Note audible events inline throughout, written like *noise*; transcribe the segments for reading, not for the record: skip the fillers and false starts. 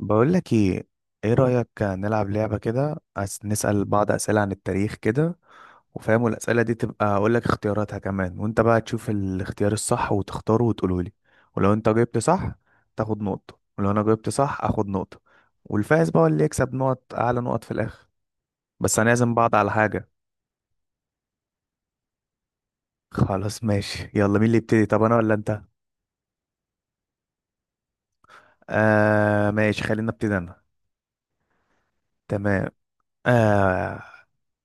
بقول لك ايه؟ ايه رأيك نلعب لعبة كده، نسأل بعض أسئلة عن التاريخ كده. وفاهم الأسئلة دي تبقى اقول لك اختياراتها كمان، وانت بقى تشوف الاختيار الصح وتختاره وتقوله لي. ولو انت جبت صح تاخد نقطة، ولو انا جبت صح اخد نقطة. والفائز بقى هو اللي يكسب نقط، اعلى نقط في الاخر. بس هنعزم بعض على حاجة. *laughs* خلاص ماشي يلا، مين اللي يبتدي؟ طب انا ولا انت؟ آه ماشي، خلينا ابتدي انا. تمام. آه،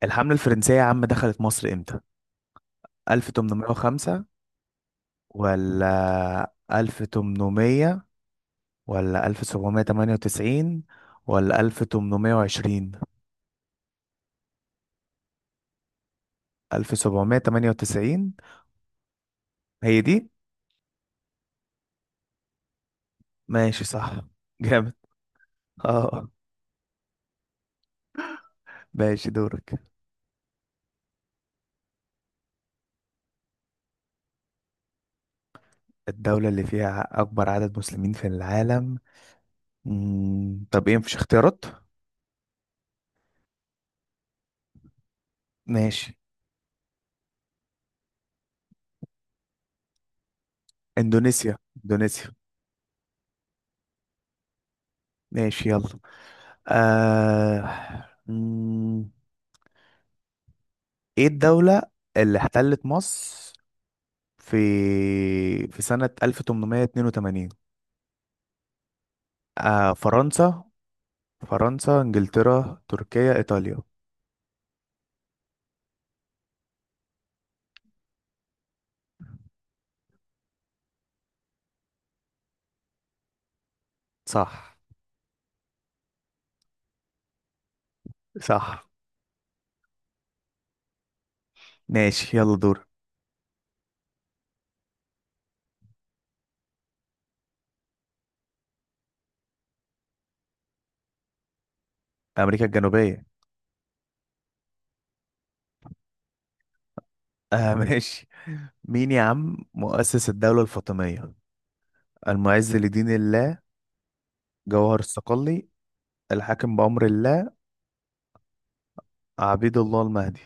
الحملة الفرنسية يا عم دخلت مصر امتى؟ 1805 ولا 1800 ولا 1798 ولا 1820؟ 1798 هي دي. ماشي صح. *laughs* جامد. اه ماشي، دورك. الدولة اللي فيها أكبر عدد مسلمين في العالم. مم. طب إيه، مفيش اختيارات؟ ماشي. إندونيسيا. إندونيسيا. ماشي يلا. آه. مم. إيه الدولة اللي احتلت مصر في سنة 1882؟ آه، فرنسا؟ فرنسا، انجلترا، تركيا، ايطاليا. صح. صح. ماشي يلا دور. امريكا الجنوبية. *laughs* آه ماشي. مين يا عم مؤسس الدولة الفاطمية؟ المعز لدين الله، جوهر الصقلي، الحاكم بأمر الله، عبيد الله المهدي.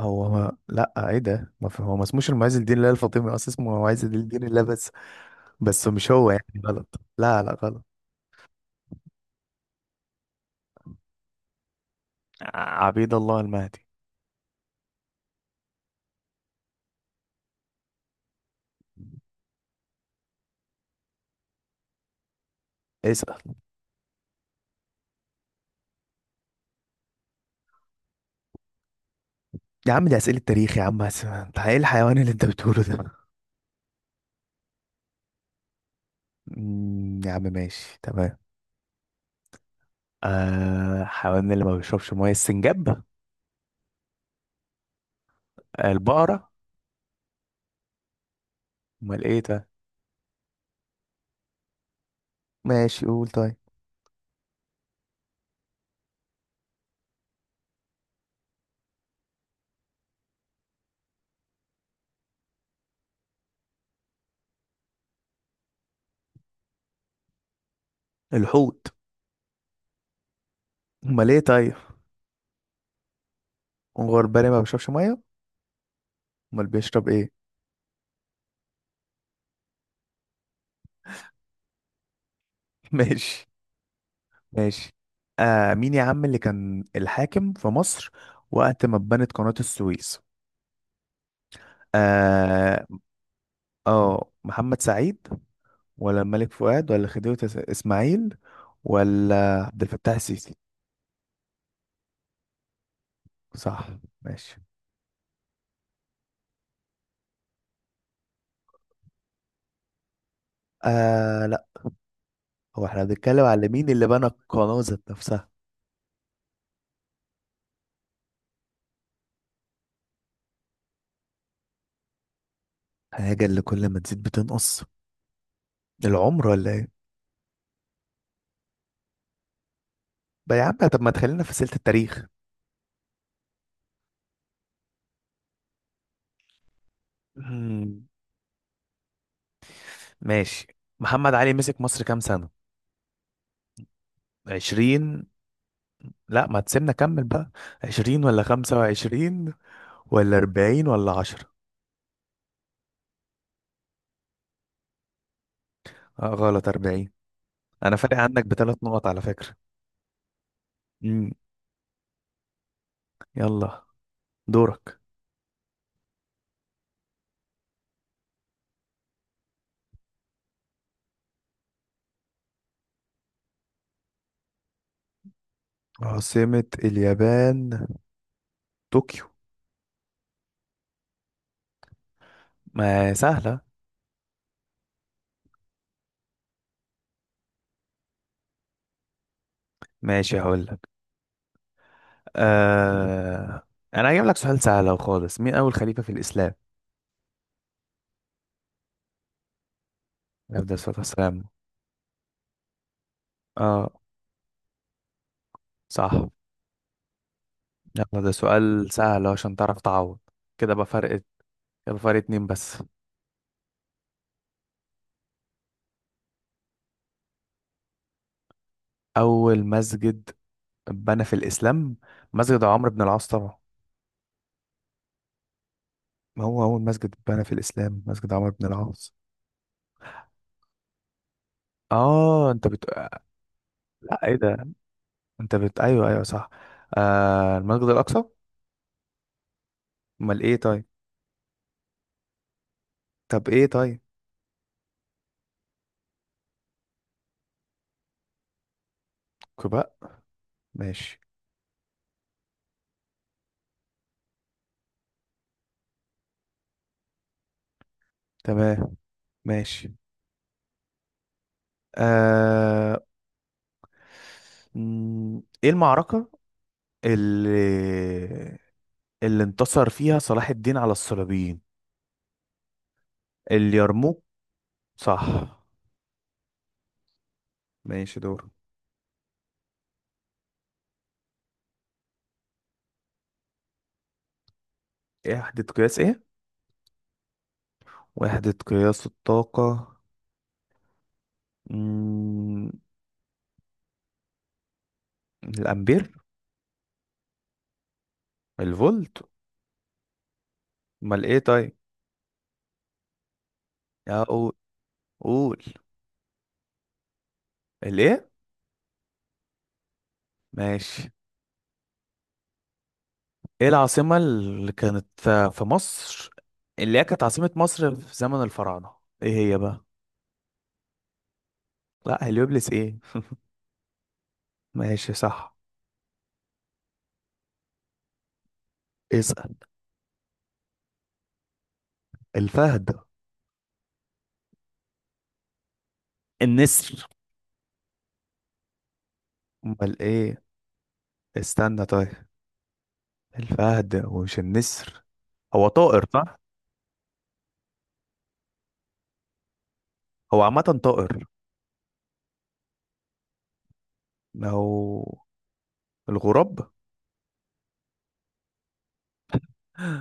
هو ما... لا ايه ده، ما في... هو ما اسموش المعز لدين الله الفاطمي اصلا، اسمه معز لدين الله بس. بس مش هو يعني غلط، لا لا غلط. عبيد الله المهدي. اسأل. يا عم دي أسئلة تاريخ يا عم، بس انت ايه الحيوان اللي انت بتقوله ده؟ يا عم ماشي تمام. آه، الحيوان اللي ما بيشربش ميه، السنجاب؟ آه، البقرة؟ امال ايه ده؟ ماشي قول طيب. الحوت؟ امال ايه طيب؟ غربال ما بيشربش ميه؟ امال بيشرب ايه؟ *laughs* ماشي. ماشي. آه، مين يا عم اللي كان الحاكم في مصر وقت ما اتبنت قناة السويس؟ اه. آه، محمد سعيد ولا الملك فؤاد ولا خديوي اسماعيل ولا عبد الفتاح السيسي؟ صح. ماشي. آه لا، هو احنا بنتكلم على مين اللي بنى القناة ذات نفسها. حاجة اللي كل ما تزيد بتنقص. العمر ولا ايه؟ بقى يا عم طب ما تخلينا في سلة التاريخ. مم، ماشي. محمد علي مسك مصر كام سنة؟ عشرين؟ لا ما تسيبنا كمل بقى. عشرين ولا خمسة وعشرين ولا أربعين ولا عشرة؟ آه غلط، أربعين. أنا فارق عنك بثلاث نقط على فكرة. مم. يلا دورك. عاصمة اليابان. طوكيو. ما سهلة. ماشي هقول لك. آه... انا هجيب لك سؤال سهل أهو خالص، مين اول خليفة في الاسلام؟ افضل الصلاة والسلام. اه. صح. يلا ده سؤال سهل أهو عشان تعرف تعوض، كده بقى فرق. يبقى فرق اتنين بس. اول مسجد اتبنى في الاسلام مسجد عمرو بن العاص طبعا. ما هو اول مسجد اتبنى في الاسلام مسجد عمرو بن العاص. اه انت بت. لا ايه ده، انت بت ايوه ايوه صح. آه، المسجد الاقصى. امال ايه طيب؟ طب ايه طيب؟ كوبا. ماشي. تمام. ماشي. آه... مم، ايه المعركة اللي اللي انتصر فيها صلاح الدين على الصليبيين؟ اليرموك. صح. ماشي دور. ايه وحدة قياس ايه؟ وحدة قياس الطاقة. مم... الامبير؟ الفولت؟ امال ايه طيب؟ اقول. قول قول. الايه؟ ماشي. ايه العاصمة اللي كانت في مصر، اللي هي كانت عاصمة مصر في زمن الفراعنة، ايه هي بقى؟ لا هليوبلس ايه. ماشي صح. اسأل. الفهد. النسر. امال ايه، استنى طيب. الفهد ومش النسر هو طائر صح. هو عامة طائر. ما هو. الغراب.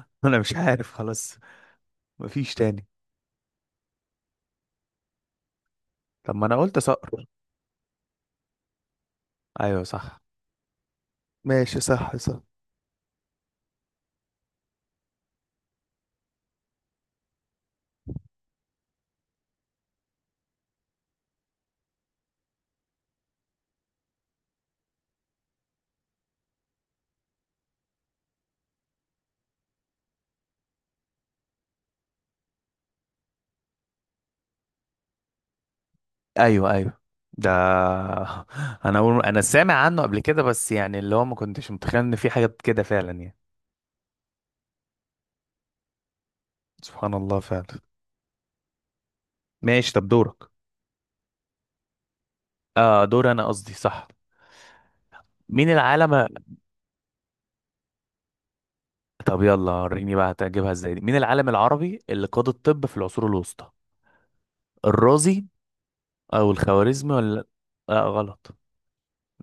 *laughs* انا مش عارف خلاص. مفيش تاني. طب ما انا قلت صقر. ايوه صح. ماشي صح صح. ايوه ايوه ده. *laughs* انا سامع عنه قبل كده، بس يعني اللي هو ما كنتش متخيل ان في حاجات كده فعلا يعني. سبحان الله فعلا. ماشي طب دورك. اه دور انا قصدي صح. مين العالم. طب يلا وريني بقى هتجيبها ازاي دي، مين العالم العربي اللي قاد الطب في العصور الوسطى؟ الرازي او الخوارزمي ولا؟ لا غلط.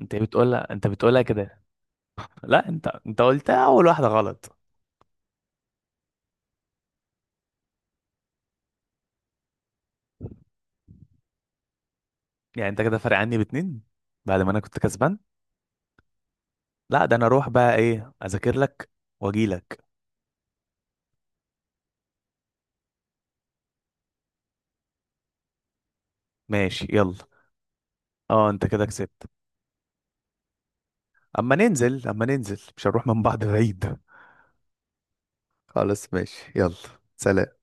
انت بتقولها انت بتقولها كده. لا انت قلتها اول واحدة غلط. يعني انت كده فارق عني باتنين، بعد ما انا كنت كسبان. لا ده انا اروح بقى ايه اذاكر لك واجي لك. ماشي يلا. اه انت كده كسبت. اما ننزل اما ننزل مش هنروح من بعض بعيد. خلاص ماشي يلا. سلام.